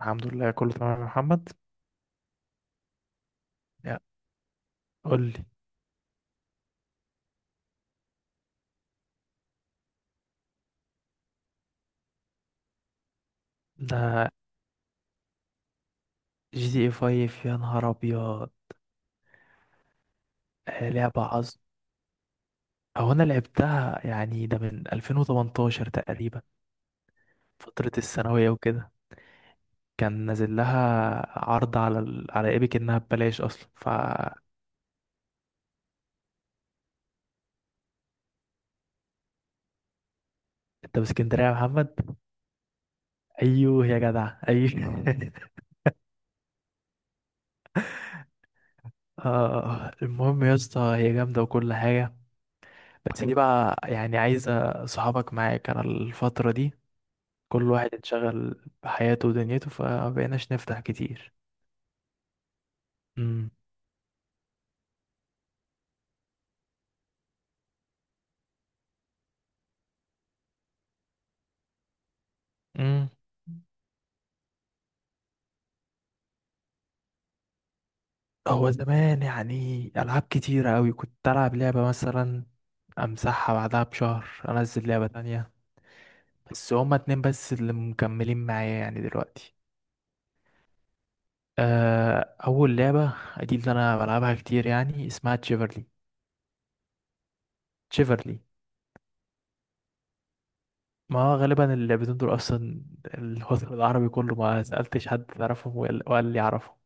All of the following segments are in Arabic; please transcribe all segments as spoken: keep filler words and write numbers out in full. الحمد لله كله تمام يا محمد. يا قول لي ده. جي تي اي خمسة، يا نهار ابيض! آه، لعبة عظم. او انا لعبتها يعني ده من ألفين وتمنتاشر تقريبا، فترة الثانوية وكده. كان نازل لها عرض على ال... على ايبك انها ببلاش اصلا ف انت باسكندرية يا محمد؟ ايوه يا جدع ايوه. آه المهم يا اسطى، هي جامدة وكل حاجة. بس دي بقى يعني عايزة صحابك معاك، انا الفترة دي كل واحد انشغل بحياته ودنيته فمبقيناش نفتح كتير. امم. امم. هو زمان يعني ألعاب كتيرة أوي، كنت ألعب لعبة مثلا أمسحها بعدها بشهر أنزل لعبة تانية. بس هما اتنين بس اللي مكملين معايا يعني دلوقتي. آه، أول لعبة دي اللي أنا بلعبها كتير، يعني اسمها تشيفرلي. تشيفرلي. ما هو غالبا اللعبتين دول أصلا الوطن العربي كله ما سألتش حد تعرفهم، وقال وقال لي أعرفهم.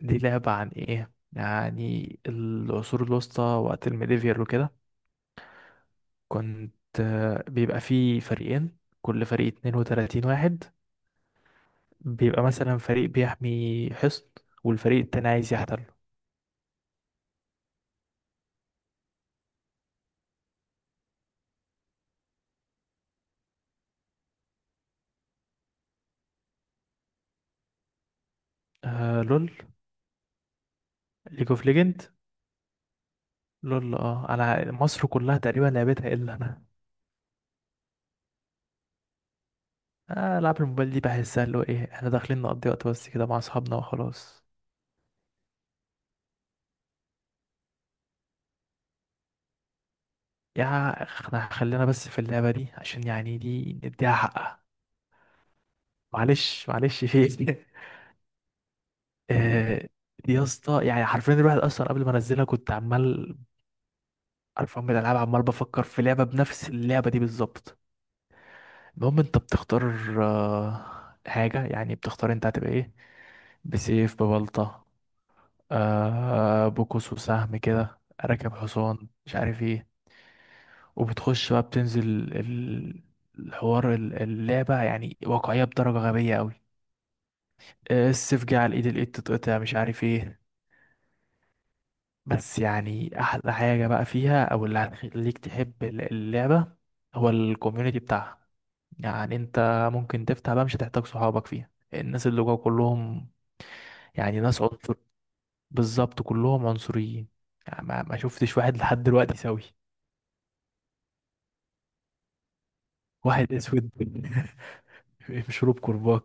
دي لعبة عن ايه؟ يعني العصور الوسطى وقت الميديفير وكده. كنت آه، بيبقى فيه فريقين، كل فريق اتنين وتلاتين واحد. بيبقى مثلا فريق بيحمي حصن والفريق التاني عايز يحتله. آه لول. ليج اوف ليجند. لول. اه انا مصر كلها تقريبا لعبتها الا انا. آه العاب الموبايل دي بحسها اللي هو ايه، احنا داخلين نقضي وقت بس كده مع اصحابنا وخلاص. يا اخ، احنا خلينا بس في اللعبة دي عشان يعني دي نديها حقها. معلش معلش فيك. آه، يا اسطى، يعني حرفيا الواحد اصلا قبل ما انزلها كنت عمال، عارف من الالعاب، عمال بفكر في لعبه بنفس اللعبه دي بالظبط. المهم انت بتختار آه، حاجه، يعني بتختار انت هتبقى ايه، بسيف، ببلطه، آه، بقوس وسهم، كده راكب حصان مش عارف ايه. وبتخش بقى بتنزل، ال- الحوار، ال- اللعبه يعني واقعيه بدرجه غبيه قوي. السيف جه على الايد، الايد تتقطع، مش عارف ايه. بس يعني احلى حاجة بقى فيها او اللي هتخليك تحب الل- اللعبة هو الكوميونتي بتاعها. يعني انت ممكن تفتح بقى، مش هتحتاج صحابك فيها، الناس اللي جوا كلهم يعني ناس عنصر، بالظبط كلهم عنصريين. يعني ما, ما شفتش واحد لحد دلوقتي سوي، واحد اسود مشروب كرباج،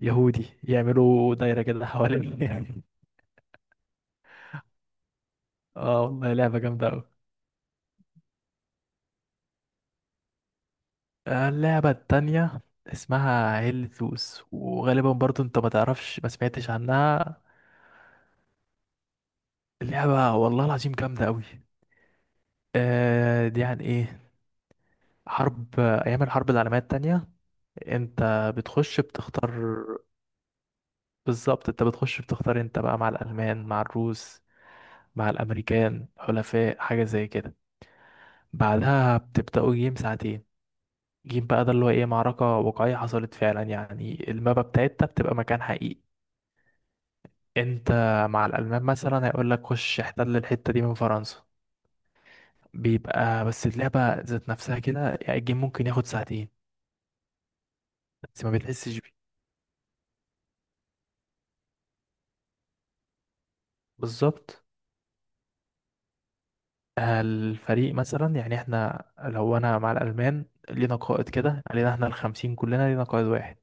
يهودي، يعملوا دايرة كده حوالين. اه والله لعبة جامدة أوي. آه، اللعبة التانية اسمها هيل ثوس، وغالبا برضو انت ما تعرفش ما سمعتش عنها. اللعبة والله العظيم جامدة قوي. آه دي عن ايه؟ حرب، ايام الحرب العالمية التانية. انت بتخش بتختار، بالظبط انت بتخش بتختار انت بقى مع الالمان، مع الروس، مع الامريكان، حلفاء، حاجة زي كده. بعدها بتبدأوا جيم ساعتين. جيم بقى ده اللي هو ايه، معركة واقعية حصلت فعلا، يعني المابا بتاعتها بتبقى مكان حقيقي. انت مع الالمان مثلا هيقول لك خش احتل الحته دي من فرنسا. بيبقى بس اللعبه ذات نفسها كده، يعني الجيم ممكن ياخد ساعتين، بس ما بتحسش بيه، بالظبط. آه، الفريق مثلا، يعني احنا لو انا مع الالمان لينا قائد كده علينا، احنا الخمسين كلنا لينا قائد واحد،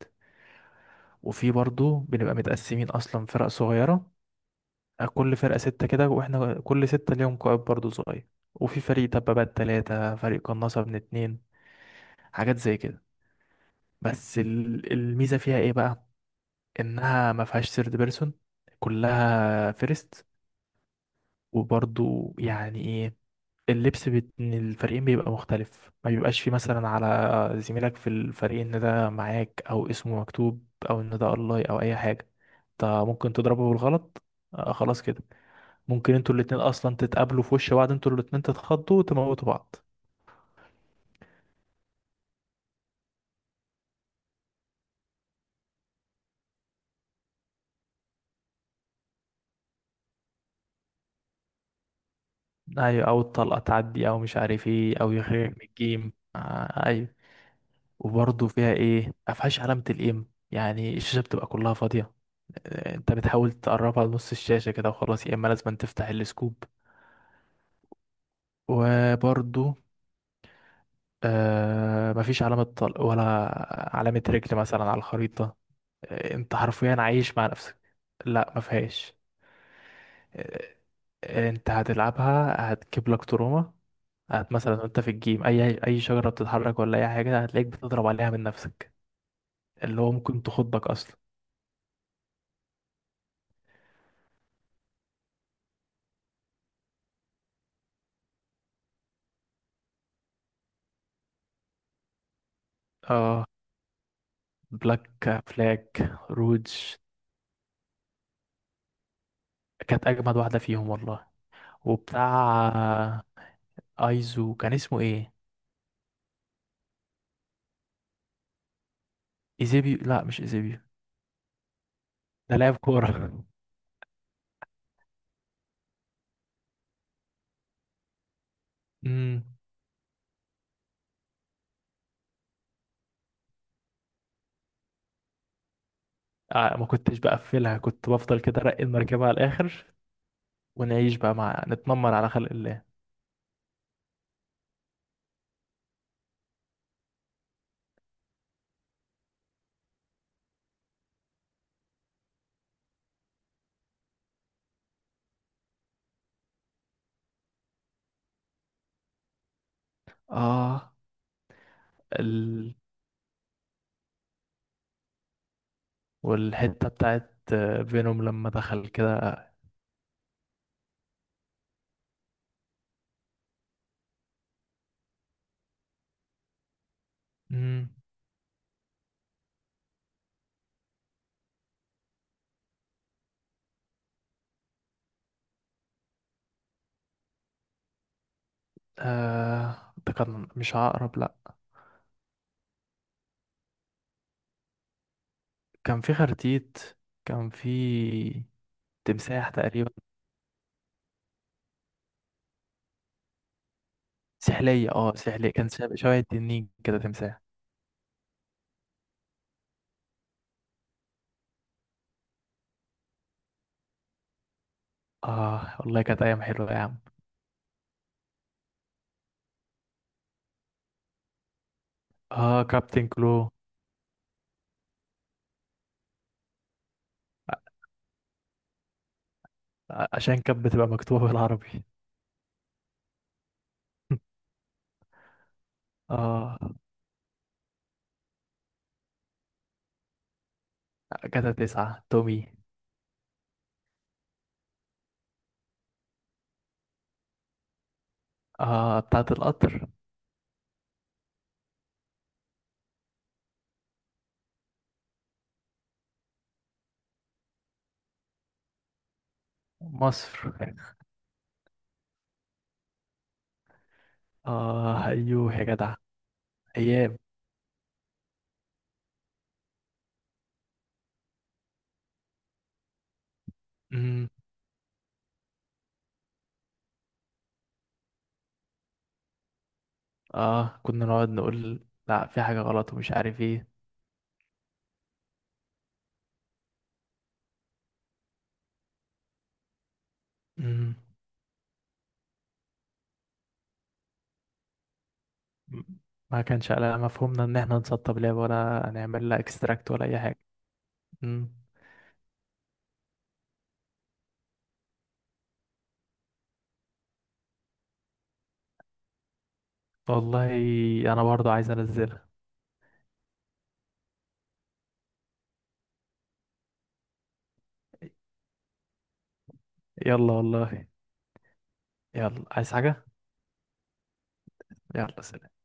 وفي برضو بنبقى متقسمين اصلا فرق صغيره. آه، كل فرقه سته كده، واحنا كل سته ليهم قائد برضو صغير، وفي فريق دبابات تلاتة، فريق قناصة من اتنين، حاجات زي كده. بس ال- الميزة فيها ايه بقى؟ انها ما فيهاش ثيرد بيرسون، كلها فيرست. وبرضو يعني ايه، اللبس بين الفريقين بيبقى مختلف، ما بيبقاش فيه مثلا على زميلك في الفريق ان ده معاك او اسمه مكتوب او ان ده الله او اي حاجه. انت ممكن تضربه بالغلط. آه خلاص كده. ممكن انتوا الاتنين اصلا تتقابلوا في وش بعض، انتوا الاتنين تتخضوا وتموتوا بعض. ايوه، او الطلقه تعدي، او مش عارف ايه، او يخرجك من الجيم، آه ايوه. وبرضه فيها ايه، مفيهاش علامة الام، يعني الشاشة بتبقى كلها فاضية. آه، انت بتحاول تقربها لنص الشاشة كده وخلاص، يا اما لازم تفتح السكوب. وبرضه آه مفيش علامة طلق، ولا علامة رجل مثلا على الخريطة. آه، انت حرفيا عايش مع نفسك. لا، مفيهاش. آه، آه، انت هتلعبها هتجيب لك تروما. هت مثلا وانت في الجيم اي اي شجرة بتتحرك ولا اي حاجة هتلاقيك بتضرب عليها من نفسك، اللي هو ممكن تخضك اصلا. اه، بلاك فلاج، روج. كانت اجمد واحده فيهم والله. وبتاع ايزو كان اسمه ايه؟ ايزيبيو، لا مش ايزيبيو، ده لاعب كوره. امم. آه ما كنتش بقفلها، كنت بفضل كده ارقي المركبه على الاخر، ونعيش بقى مع نتنمر على خلق الله. اه، ال... والحته بتاعت آه، فينوم لما دخل كده. امم. آه ده كان مش عقرب، لا، كان في خرتيت، كان في تمساح تقريبا، سحلية، اه سحلية، كان شبه شبه التنين كده، تمساح. اه والله كانت أيام حلوة يا عم. اه كابتن كلو. ع- عشان كانت بتبقى مكتوبة بالعربي. اه كده تسعة تومي. اه بتاعة القطر. مصر. اه ايوه يا جدع. ايام. امم. اه كنا نقعد نقول لا في حاجة غلط ومش عارف ايه. امم. ما كانش على مفهومنا ان احنا نسطب لعبة ولا نعمل لها اكستراكت ولا اي حاجة. والله انا برضو عايز انزلها. يلا والله. يلا، عايز حاجة؟ يلا سلام.